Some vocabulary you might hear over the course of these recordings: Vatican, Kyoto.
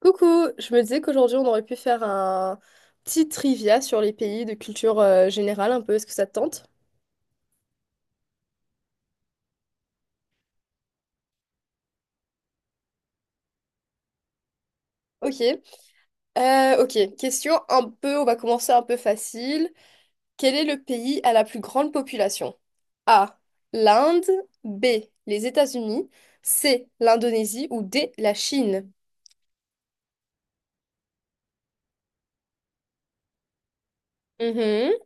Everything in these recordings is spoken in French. Coucou, je me disais qu'aujourd'hui on aurait pu faire un petit trivia sur les pays de culture générale un peu, est-ce que ça te tente? Ok. Ok, question un peu, on va commencer un peu facile. Quel est le pays à la plus grande population? A, l'Inde, B, les États-Unis, C, l'Indonésie ou D, la Chine? Mhm.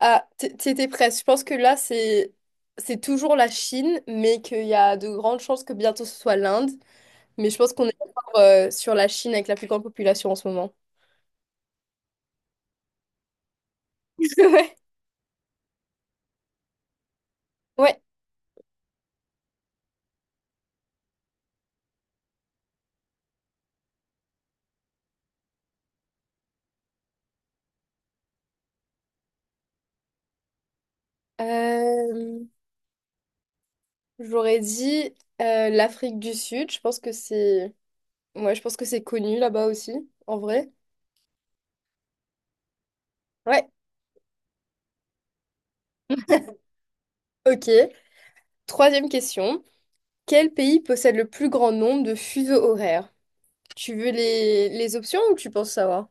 Ah, t'y presque, je pense que là c'est toujours la Chine, mais qu'il y a de grandes chances que bientôt ce soit l'Inde. Mais je pense qu'on est encore sur la Chine avec la plus grande population en ce moment. Ouais. Ouais. Euh, j'aurais dit l'Afrique du Sud. Je pense que c'est... Ouais, je pense que c'est connu là-bas aussi, en vrai. Ouais. Ok. Troisième question. Quel pays possède le plus grand nombre de fuseaux horaires? Tu veux les options ou tu penses savoir?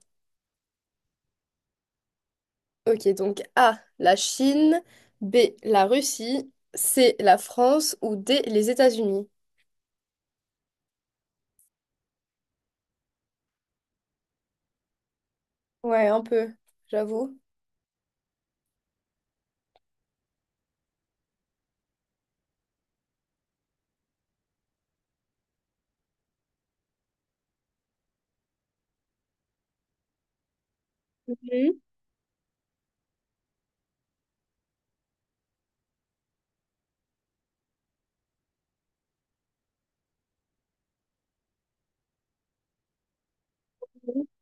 Ok, donc A, la Chine, B, la Russie, C, la France ou D, les États-Unis. Ouais, un peu, j'avoue.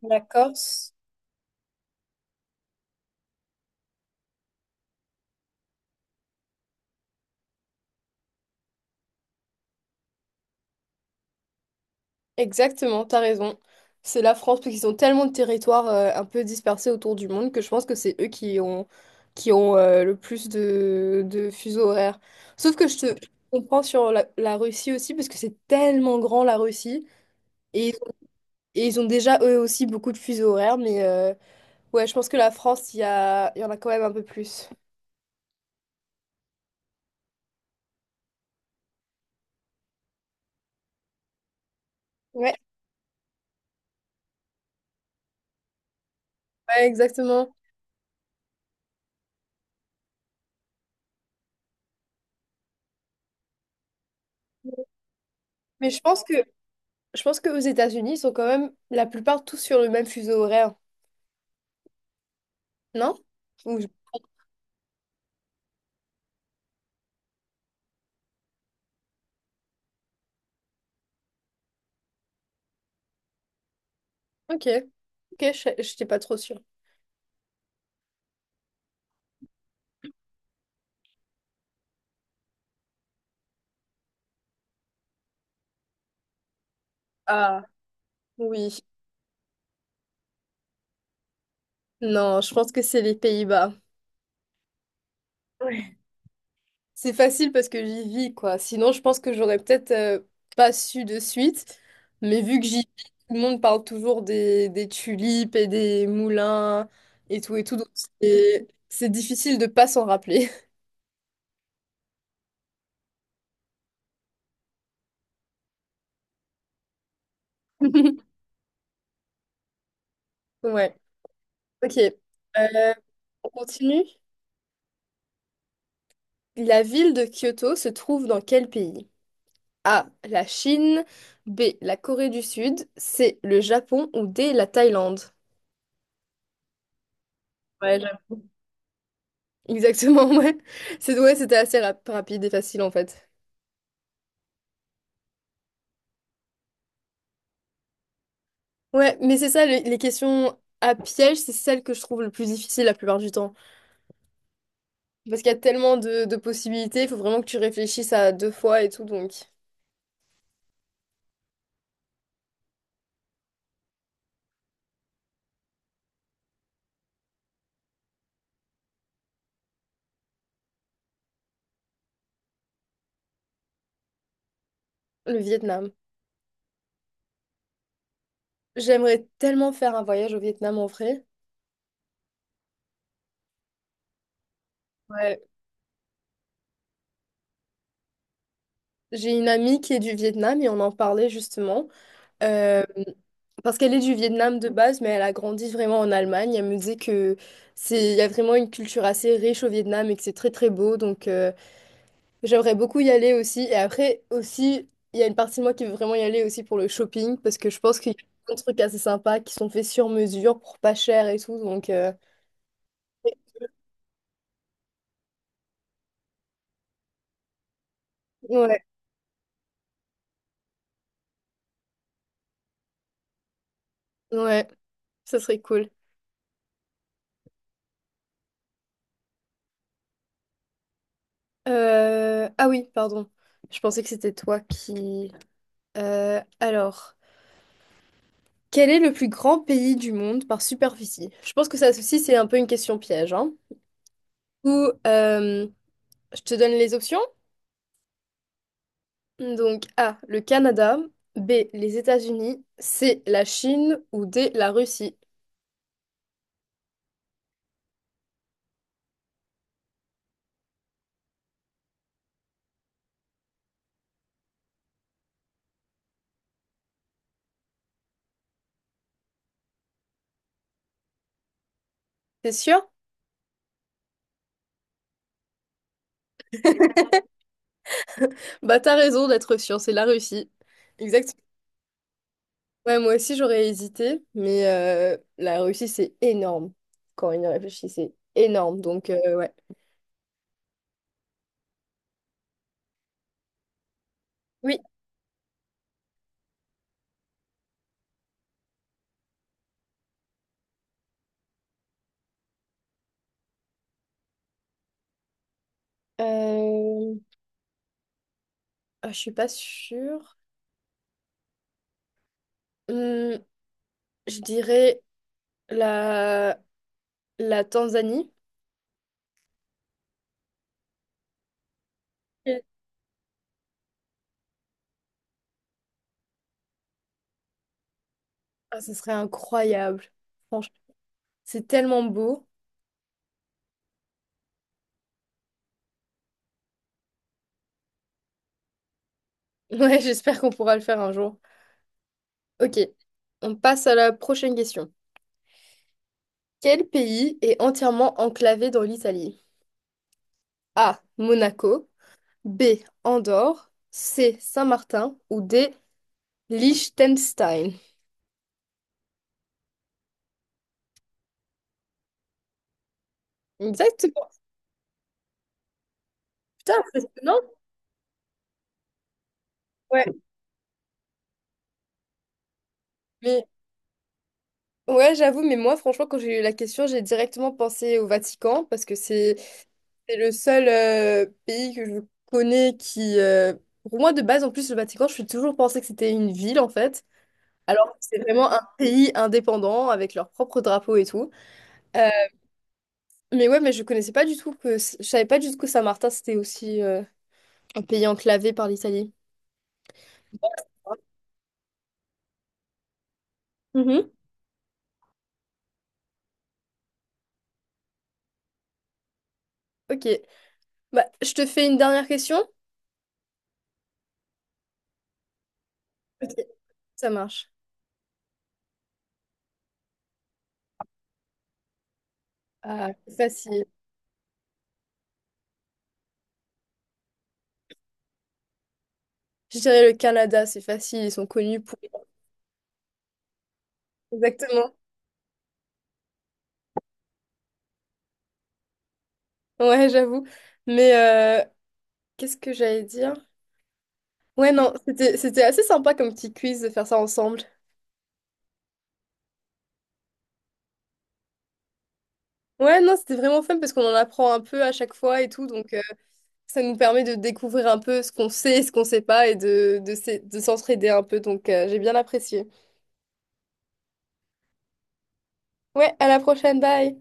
La Corse. Exactement, t'as raison. C'est la France, parce qu'ils ont tellement de territoires un peu dispersés autour du monde que je pense que c'est eux qui ont le plus de fuseaux horaires. Sauf que je comprends sur la Russie aussi, parce que c'est tellement grand la Russie. Et, ils ont et ils ont déjà eux aussi beaucoup de fuseaux horaires, mais ouais, je pense que la France, il y en a quand même un peu plus. Ouais, ouais, exactement. Mais je pense que je pense que aux États-Unis, ils sont quand même la plupart tous sur le même fuseau horaire. Non? Ou- Ok. Ok, je n'étais pas trop sûre. Ah, oui. Non, je pense que c'est les Pays-Bas. Ouais. C'est facile parce que j'y vis, quoi. Sinon, je pense que j'aurais peut-être pas su de suite. Mais vu que j'y vis, tout le monde parle toujours des tulipes et des moulins et tout et tout. Donc, c'est difficile de pas s'en rappeler. Ouais. Ok. Euh, on continue. La ville de Kyoto se trouve dans quel pays? A. La Chine. B. La Corée du Sud. C. Le Japon. Ou D. La Thaïlande. Ouais, j'avoue. Exactement, ouais. C'est, ouais, c'était assez rapide et facile en fait. Ouais, mais c'est ça, les questions à piège, c'est celles que je trouve le plus difficile la plupart du temps. Parce qu'il y a tellement de possibilités, il faut vraiment que tu réfléchisses à deux fois et tout, donc le Vietnam. J'aimerais tellement faire un voyage au Vietnam en vrai. Ouais. J'ai une amie qui est du Vietnam et on en parlait justement. Euh, parce qu'elle est du Vietnam de base, mais elle a grandi vraiment en Allemagne. Elle me disait que c'est, il y a vraiment une culture assez riche au Vietnam et que c'est très très beau. Donc j'aimerais beaucoup y aller aussi. Et après aussi, il y a une partie de moi qui veut vraiment y aller aussi pour le shopping parce que je pense qu'il y a plein de trucs assez sympas qui sont faits sur mesure pour pas cher et tout. Donc ouais, ouais, ça serait cool. Ah oui, pardon. Je pensais que c'était toi qui. Alors. Quel est le plus grand pays du monde par superficie? Je pense que ça aussi, c'est un peu une question piège, hein. Ou, je te donne les options. Donc, A, le Canada, B, les États-Unis, C, la Chine ou D, la Russie. T'es sûr? Bah, t'as raison d'être sûr, c'est la Russie. Exact. Ouais, moi aussi, j'aurais hésité, mais la Russie, c'est énorme. Quand on y réfléchit, c'est énorme. Donc, ouais. Oui. Euh, je suis pas sûre. Hum, je dirais. La, la Tanzanie. Ok. Ah, ça serait incroyable. Franchement, c'est tellement beau. Ouais, j'espère qu'on pourra le faire un jour. Ok, on passe à la prochaine question. Quel pays est entièrement enclavé dans l'Italie? A. Monaco. B. Andorre. C. Saint-Martin. Ou D. Liechtenstein. Exactement. Putain, impressionnant. Ouais. Mais ouais, j'avoue, mais moi, franchement, quand j'ai eu la question, j'ai directement pensé au Vatican parce que c'est... C'est le seul pays que je connais qui, pour moi de base, en plus le Vatican, je suis toujours pensé que c'était une ville en fait, alors que c'est vraiment un pays indépendant avec leur propre drapeau et tout. Euh, mais ouais, mais je connaissais pas du tout que, je savais pas du tout que Saint-Martin c'était aussi un pays enclavé par l'Italie. Mhm. Ok, bah je te fais une dernière question. Ok, ça marche. Ah, c'est facile. Je dirais le Canada, c'est facile, ils sont connus pour. Exactement. Ouais, j'avoue. Mais qu'est-ce que j'allais dire? Ouais, non, c'était assez sympa comme petit quiz de faire ça ensemble. Ouais, non, c'était vraiment fun parce qu'on en apprend un peu à chaque fois et tout, donc ça nous permet de découvrir un peu ce qu'on sait et ce qu'on sait pas et de s'entraider un peu, donc j'ai bien apprécié. Ouais, à la prochaine, bye!